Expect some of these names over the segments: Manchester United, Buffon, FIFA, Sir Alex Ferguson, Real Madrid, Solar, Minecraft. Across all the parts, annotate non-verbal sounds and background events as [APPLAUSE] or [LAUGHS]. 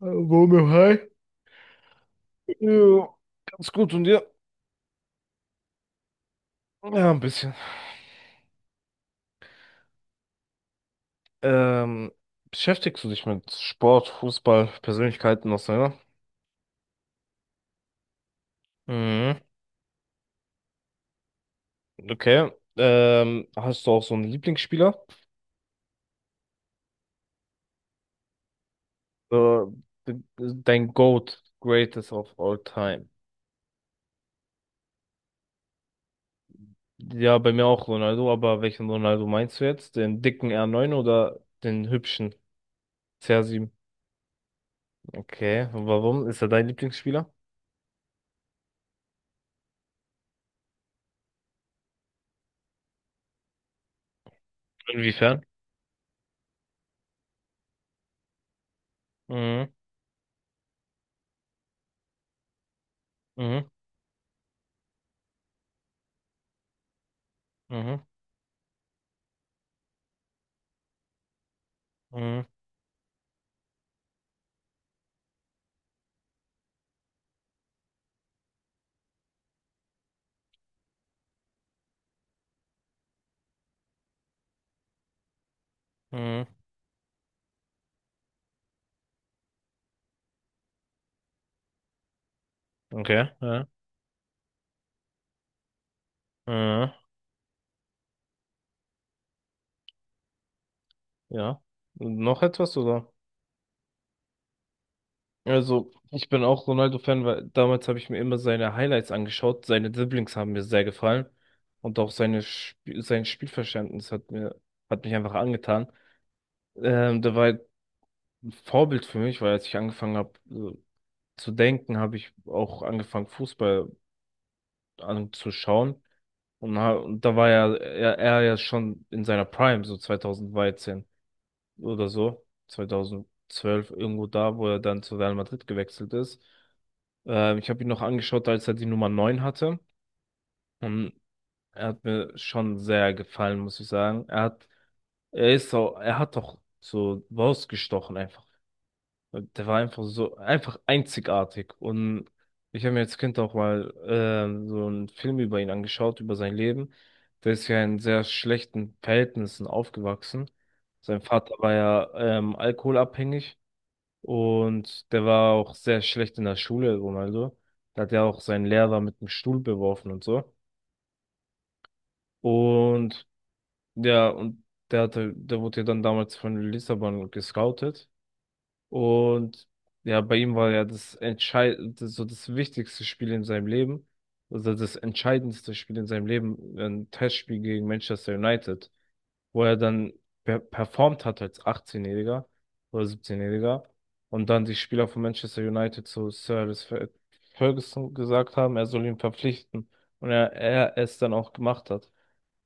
Hallo, mir hi. Ja, ganz gut und dir? Ja, ein bisschen. Ähm, Beschäftigst du dich mit Sport, Fußball, Persönlichkeiten auseinander? Mhm. Okay. Hast du auch so einen Lieblingsspieler? Äh, de- Dein GOAT, Greatest of All Time. Ja, bei mir auch Ronaldo, aber welchen Ronaldo meinst du jetzt? Den dicken R9 oder den hübschen CR7? Okay, und warum? Ist er dein Lieblingsspieler? Inwiefern? Mhm, mhm, mhm, mhm, mhm. Okay, ja, äh, ja. Noch etwas, oder? Also, ich bin auch Ronaldo-Fan, weil damals habe ich mir immer seine Highlights angeschaut. Seine Dribblings haben mir sehr gefallen. Und auch seine Sp sein Spielverständnis hat mir, hat mich einfach angetan. Der war halt ein Vorbild für mich, weil als ich angefangen habe zu denken, habe ich auch angefangen, Fußball anzuschauen. Und, und da war ja er ja schon in seiner Prime, so 2013, oder so, 2012 irgendwo da, wo er dann zu Real Madrid gewechselt ist. Ich habe ihn noch angeschaut, als er die Nummer 9 hatte. Und er hat mir schon sehr gefallen, muss ich sagen. Er hat, er ist so, er hat doch so rausgestochen einfach. Der war einfach so, einfach einzigartig. Und ich habe mir als Kind auch mal so einen Film über ihn angeschaut, über sein Leben. Der ist ja in sehr schlechten Verhältnissen aufgewachsen. Sein Vater war ja alkoholabhängig und der war auch sehr schlecht in der Schule, Ronaldo. Da hat ja auch seinen Lehrer mit dem Stuhl beworfen und so. Und ja, und der hatte, der wurde ja dann damals von Lissabon gescoutet. Und ja, bei ihm war ja das entscheid, so das wichtigste Spiel in seinem Leben, also das entscheidendste Spiel in seinem Leben, ein Testspiel gegen Manchester United, wo er dann performt hat als 18-Jähriger oder 17-Jähriger und dann die Spieler von Manchester United zu Ferguson gesagt haben, er soll ihn verpflichten und er es dann auch gemacht hat.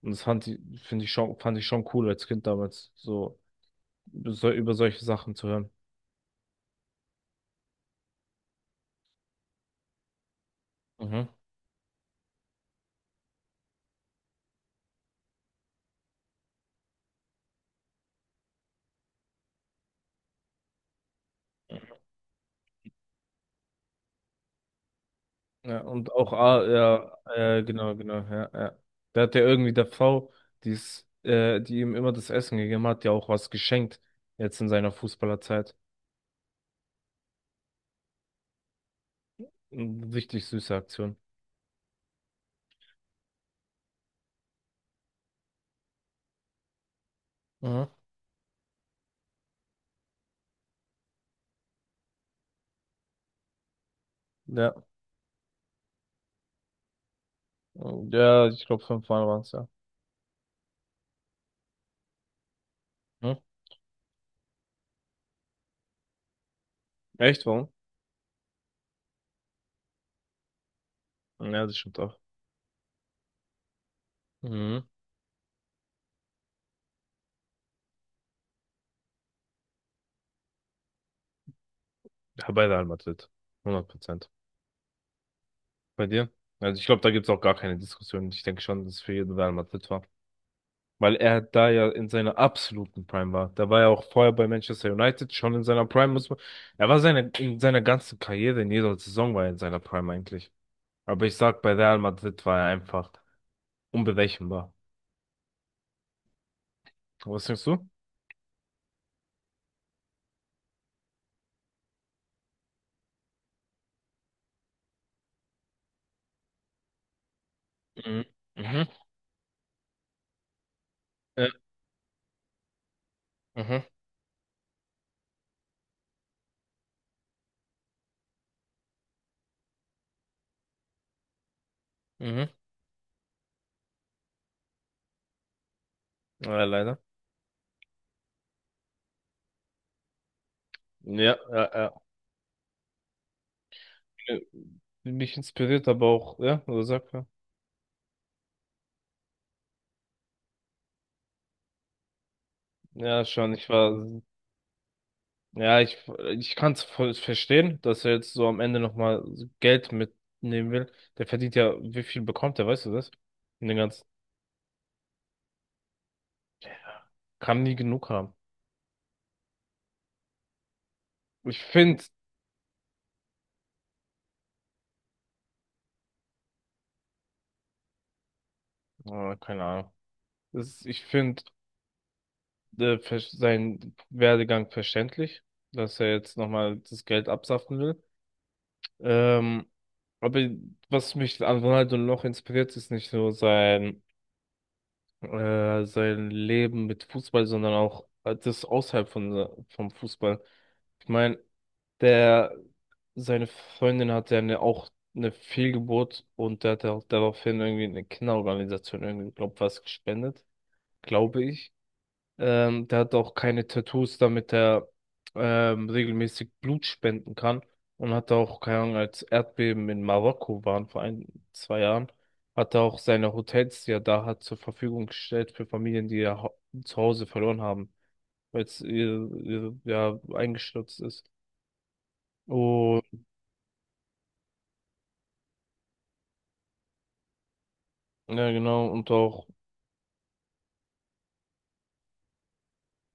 Und das fand ich, finde ich schon, fand ich schon cool als Kind damals, so, so über solche Sachen zu hören. Mhm. Ja, und auch, ah, ja, genau, genau, ja, ja. Da hat er irgendwie der Frau, die ihm immer das Essen gegeben hat, ja auch was geschenkt, jetzt in seiner Fußballerzeit. Richtig süße Aktion. Mhm. Ja. Ja, ich glaube, 5 Mal waren es ja. Hm? Echt, warum? Ja, das stimmt auch. Mhm. Ja, bei Real Madrid. 100%. Bei dir? Also ich glaube, da gibt's auch gar keine Diskussion. Ich denke schon, dass es für jeden Real Madrid war. Weil er da ja in seiner absoluten Prime war. Da war er auch vorher bei Manchester United schon in seiner Prime. Muss man, er war seine, in seiner ganzen Karriere, in jeder Saison war er in seiner Prime eigentlich. Aber ich sag, bei Real Madrid war er einfach unberechenbar. Was denkst du? Mhm. Mhm. Äh, Mhm. Mhm. Ja, leider. Ja, ja, ja. Mich inspiriert aber auch, ja, oder sag mal. Ja, schon, ich war, ja, ich kann es voll verstehen, dass er jetzt so am Ende nochmal Geld mitnehmen will. Der verdient ja, wie viel bekommt er, weißt du das? In den ganzen, kann nie genug haben. Ich finde, oh, keine Ahnung, das ist, ich finde seinen Werdegang verständlich, dass er jetzt nochmal das Geld absaften will. Ähm, aber was mich an Ronaldo noch inspiriert, ist nicht nur sein, sein Leben mit Fußball, sondern auch das außerhalb von, vom Fußball. Ich meine, der, seine Freundin hatte eine, auch eine Fehlgeburt und der hat auch daraufhin irgendwie eine Kinderorganisation irgendwie, glaub, was gespendet, glaube ich. Der hat auch keine Tattoos, damit er regelmäßig Blut spenden kann. Und hat auch, keine Ahnung, als Erdbeben in Marokko waren vor ein, zwei Jahren, hat er auch seine Hotels, die er da hat, zur Verfügung gestellt für Familien, die zu Hause verloren haben, weil es ihr, ja, eingestürzt ist. Oh, ja, genau. Und auch,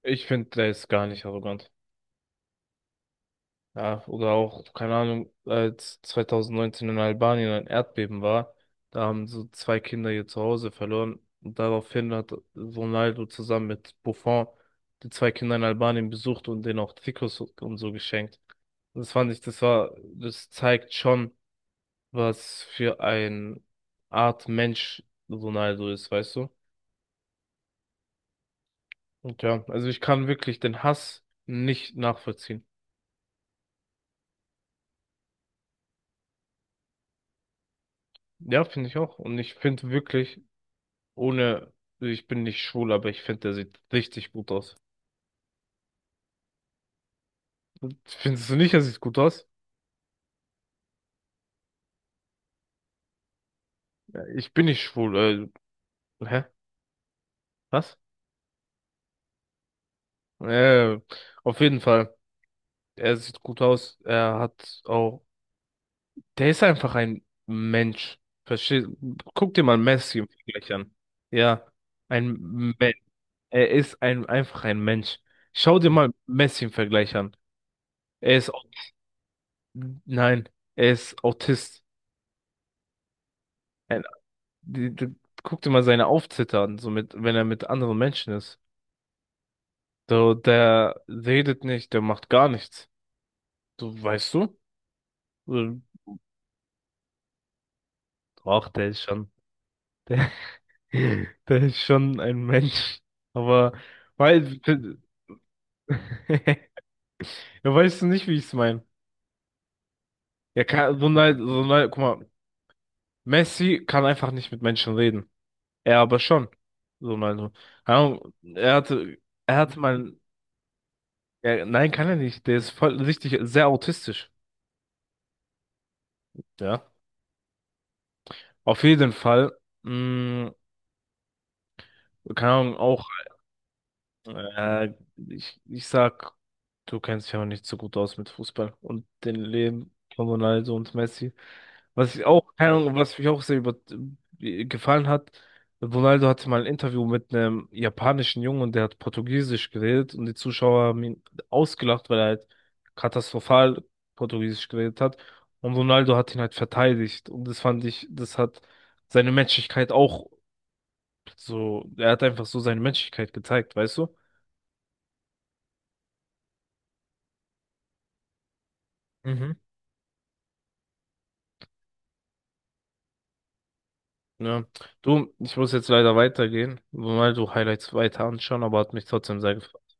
ich finde, der ist gar nicht arrogant. Ja, oder auch, keine Ahnung, als 2019 in Albanien ein Erdbeben war, da haben so zwei Kinder ihr Zuhause verloren. Und daraufhin hat so Ronaldo zusammen mit Buffon die zwei Kinder in Albanien besucht und denen auch Trikots und so geschenkt. Und das fand ich, das war, das zeigt schon, was für ein Art Mensch Ronaldo ist, weißt du? Und ja, also ich kann wirklich den Hass nicht nachvollziehen. Ja, finde ich auch. Und ich finde wirklich, ohne, ich bin nicht schwul, aber ich finde, der sieht richtig gut aus. Findest du nicht, er sieht gut aus? Ja, ich bin nicht schwul. Hä? Was? Äh, auf jeden Fall. Er sieht gut aus. Er hat auch. Der ist einfach ein Mensch. Versteh? Guck dir mal Messi im Vergleich an. Ja, ein Mensch. Er ist einfach ein Mensch. Schau dir mal Messi im Vergleich an. Er ist. au- Nein, er ist Autist. die, die, Guck dir mal seine Aufzitter an, so mit, wenn er mit anderen Menschen ist. So, der redet nicht, der macht gar nichts. So, weißt du? So, ach, der ist schon, der, [LAUGHS] der ist schon ein Mensch. Aber, weil, [LAUGHS] ja, weißt du nicht, wie ich es meine? Er kann, Ronaldo, Ronaldo, guck mal, Messi kann einfach nicht mit Menschen reden. Er aber schon. Ronaldo. Keine Ahnung, er hatte, er hatte mal, er, nein, kann er nicht. Der ist voll, richtig, sehr autistisch. Ja. Auf jeden Fall. Mh, Keine Ahnung, auch, äh, ich sag, du kennst dich aber nicht so gut aus mit Fußball und den Leben von Ronaldo und Messi. Was ich auch, keine Ahnung, was mich auch sehr gefallen hat, Ronaldo hatte mal ein Interview mit einem japanischen Jungen und der hat Portugiesisch geredet und die Zuschauer haben ihn ausgelacht, weil er halt katastrophal Portugiesisch geredet hat. Und Ronaldo hat ihn halt verteidigt. Und das fand ich, das hat seine Menschlichkeit auch so, er hat einfach so seine Menschlichkeit gezeigt, weißt du? Mhm. Ja. Du, ich muss jetzt leider weitergehen, mal so Highlights weiter anschauen, aber hat mich trotzdem sehr gefreut.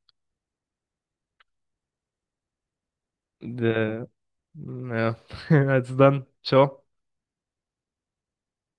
Äh, ja, [LAUGHS] also dann, ciao.